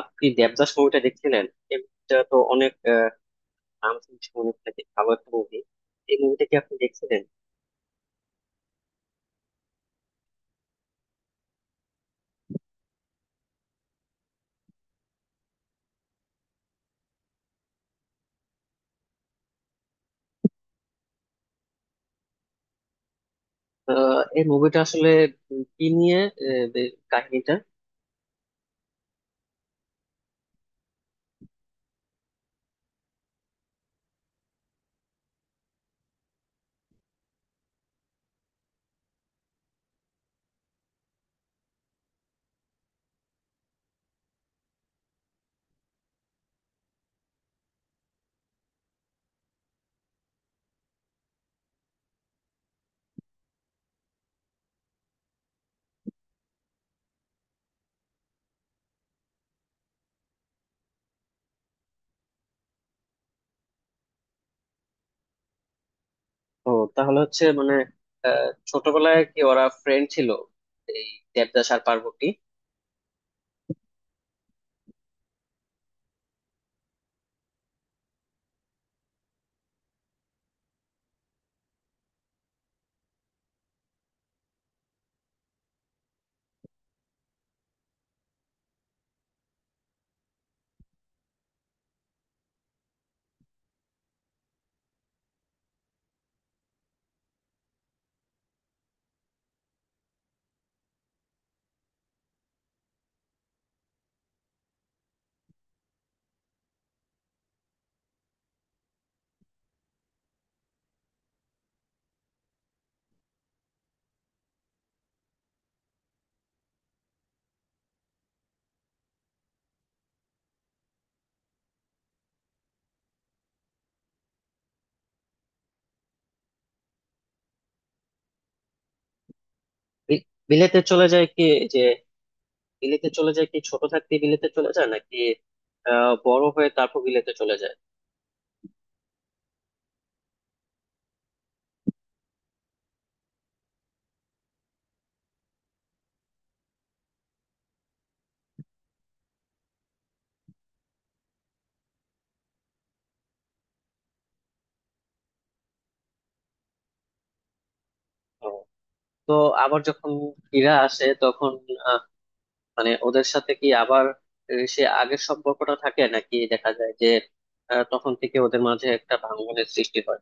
আপনি দেবদাস মুভিটা দেখছিলেন? এই মুভিটা তো অনেক নাম শুনছি, অনেক নাকি ভালো একটা মুভি। এই মুভিটা কি আপনি দেখছিলেন? এই মুভিটা আসলে কি নিয়ে? কাহিনীটা? ও, তাহলে হচ্ছে মানে, ছোটবেলায় কি ওরা ফ্রেন্ড ছিল? এই দেবদাস আর পার্বতী? বিলেতে চলে যায় কি, যে বিলেতে চলে যায় কি ছোট থাকতে? বিলেতে চলে যায় নাকি বড় হয়ে তারপর বিলেতে চলে যায়? ও, তো আবার যখন ফিরে আসে তখন মানে ওদের সাথে কি আবার, সে আগের সম্পর্কটা থাকে, নাকি দেখা যায় যে তখন থেকে ওদের মাঝে একটা ভাঙ্গনের সৃষ্টি হয়?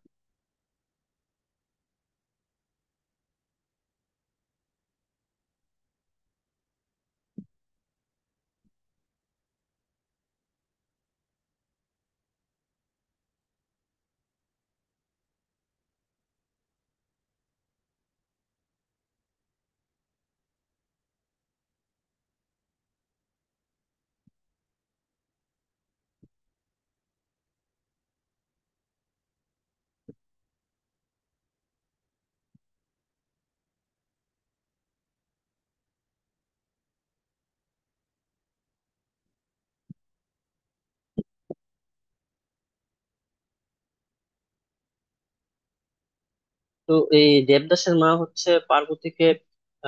তো এই দেবদাসের মা হচ্ছে পার্বতীকে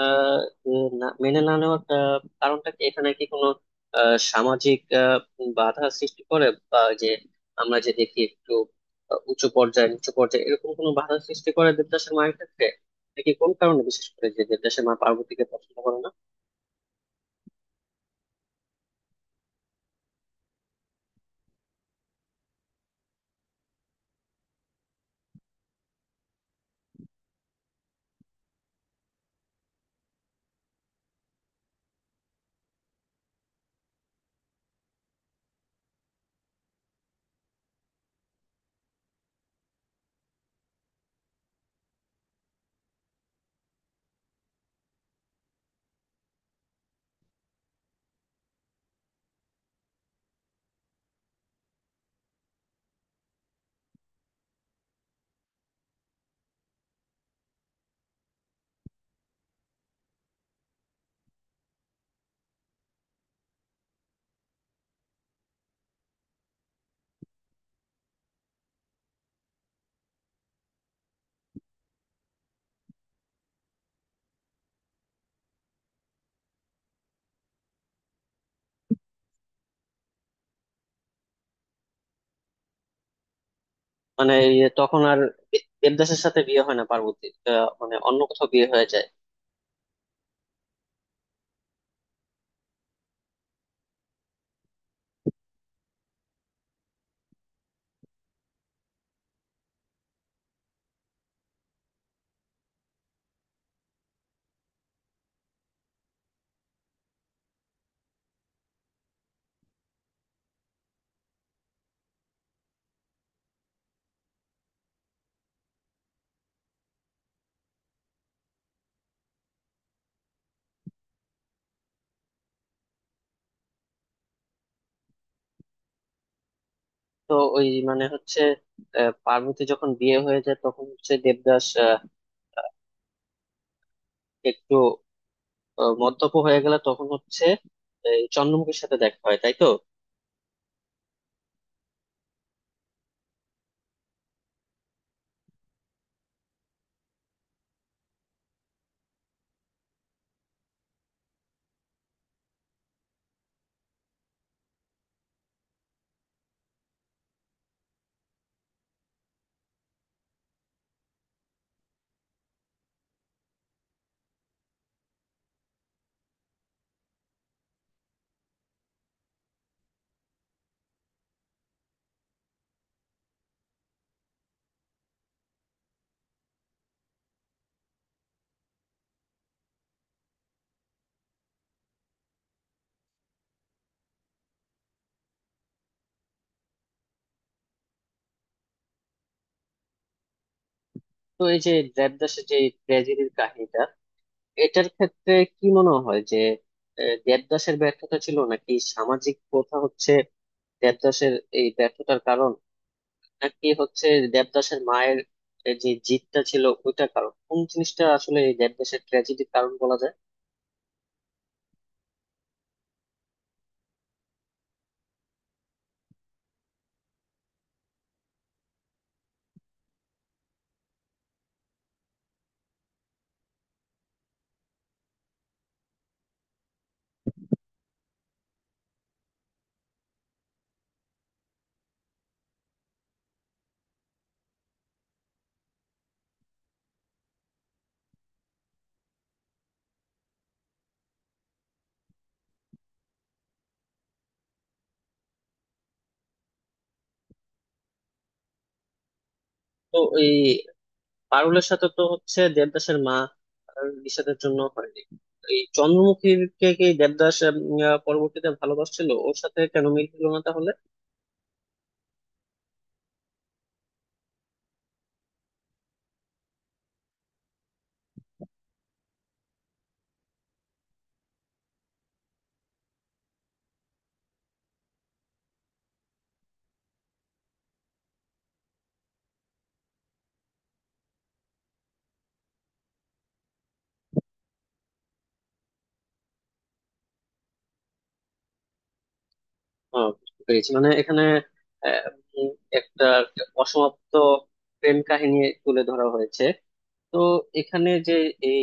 আহ মেনে না নেওয়ার কারণটা কি? এখানে কি কোনো সামাজিক বাধা সৃষ্টি করে, বা যে আমরা যে দেখি একটু উঁচু পর্যায়ে নিচু পর্যায়ে, এরকম কোনো বাধা সৃষ্টি করে দেবদাসের মায়ের ক্ষেত্রে? নাকি কোন কারণে বিশেষ করে যে দেবদাসের মা পার্বতীকে পছন্দ করে না? মানে এই তখন আর দেবদাসের সাথে বিয়ে হয় না পার্বতী, মানে অন্য কোথাও বিয়ে হয়ে যায়? তো ওই মানে হচ্ছে পার্বতী যখন বিয়ে হয়ে যায় তখন হচ্ছে দেবদাস একটু মদ্যপ হয়ে গেলে তখন হচ্ছে এই চন্দ্রমুখীর সাথে দেখা হয়, তাই তো? তো এই যে দেবদাসের যে ট্র্যাজেডির কাহিনীটা, এটার ক্ষেত্রে কি মনে হয় যে দেবদাসের ব্যর্থতা ছিল, নাকি সামাজিক প্রথা হচ্ছে দেবদাসের এই ব্যর্থতার কারণ, নাকি হচ্ছে দেবদাসের মায়ের এই যে জিদটা ছিল ওইটা কারণ? কোন জিনিসটা আসলে এই দেবদাসের ট্র্যাজেডির কারণ বলা যায়? তো এই পারুলের সাথে তো হচ্ছে দেবদাসের মা আর বিষাদের জন্য হয়নি। এই চন্দ্রমুখীর কে কি দেবদাস পরবর্তীতে ভালোবাসছিল? ওর সাথে কেন মিল হলো না তাহলে? বুঝতে পেরেছি, মানে এখানে আহ, উম, একটা অসমাপ্ত প্রেম কাহিনী তুলে ধরা হয়েছে। তো এখানে যে এই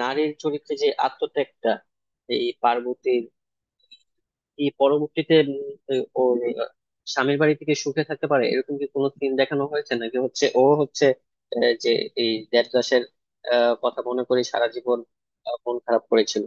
নারীর চরিত্রে যে আত্মত্যাগটা, এই পার্বতী এই পরবর্তীতে ওর স্বামীর বাড়ি থেকে সুখে থাকতে পারে, এরকম কি কোনো সিন দেখানো হয়েছে? নাকি হচ্ছে ও হচ্ছে যে এই দেবদাসের কথা মনে করে সারা জীবন মন খারাপ করেছিল?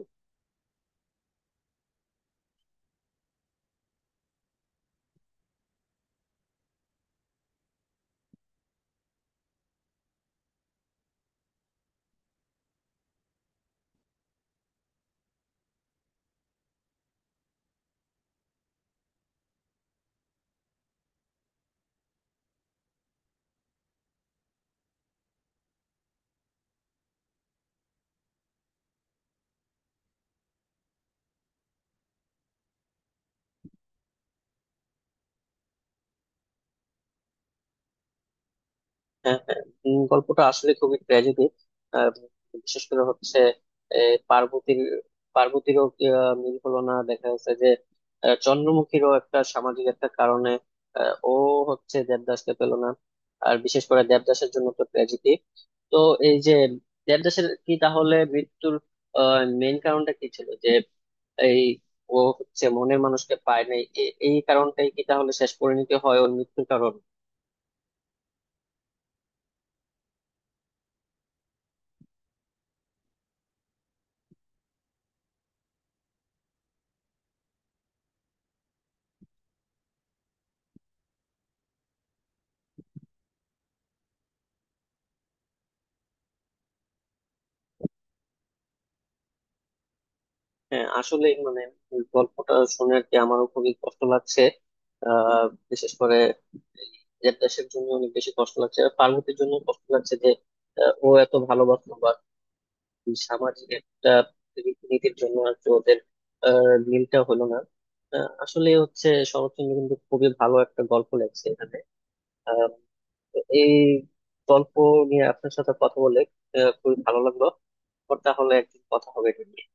হ্যাঁ, হ্যাঁ। গল্পটা আসলে খুবই ট্র্যাজেডি, বিশেষ করে হচ্ছে এ, পার্বতীর। পার্বতীরও কি মিল হলো না দেখা যাচ্ছে যে চন্দ্রমুখীরও একটা সামাজিক একটা কারণে ও হচ্ছে দেবদাসকে পেল না। আর বিশেষ করে দেবদাসের জন্য তো ট্র্যাজেডি। তো এই যে দেবদাসের কি তাহলে মৃত্যুর মেইন কারণটা কি ছিল? যে এই ও হচ্ছে মনের মানুষকে পায় নাই, এই কারণটাই কি তাহলে শেষ পরিণতি হয় ওর মৃত্যুর কারণ? হ্যাঁ, আসলে মানে এই গল্পটা শুনে আর কি আমারও খুবই কষ্ট লাগছে। আহ বিশেষ করে এই নিজের দেশের জন্য অনেক বেশি কষ্ট লাগছে, আর পার্বতীর জন্য কষ্ট লাগছে যে ও এত ভালোবাসলো, বা এই সামাজিক একটা রীতিনীতির জন্য আর কি ওদের মিলটা হলো না। আসলে হচ্ছে শরৎচন্দ্র কিন্তু খুবই ভালো একটা গল্প লেখছে এখানে। আহ, এই গল্প নিয়ে আপনার সাথে কথা বলে খুবই ভালো লাগলো। তাহলে একদিন কথা হবে এটা নিয়ে।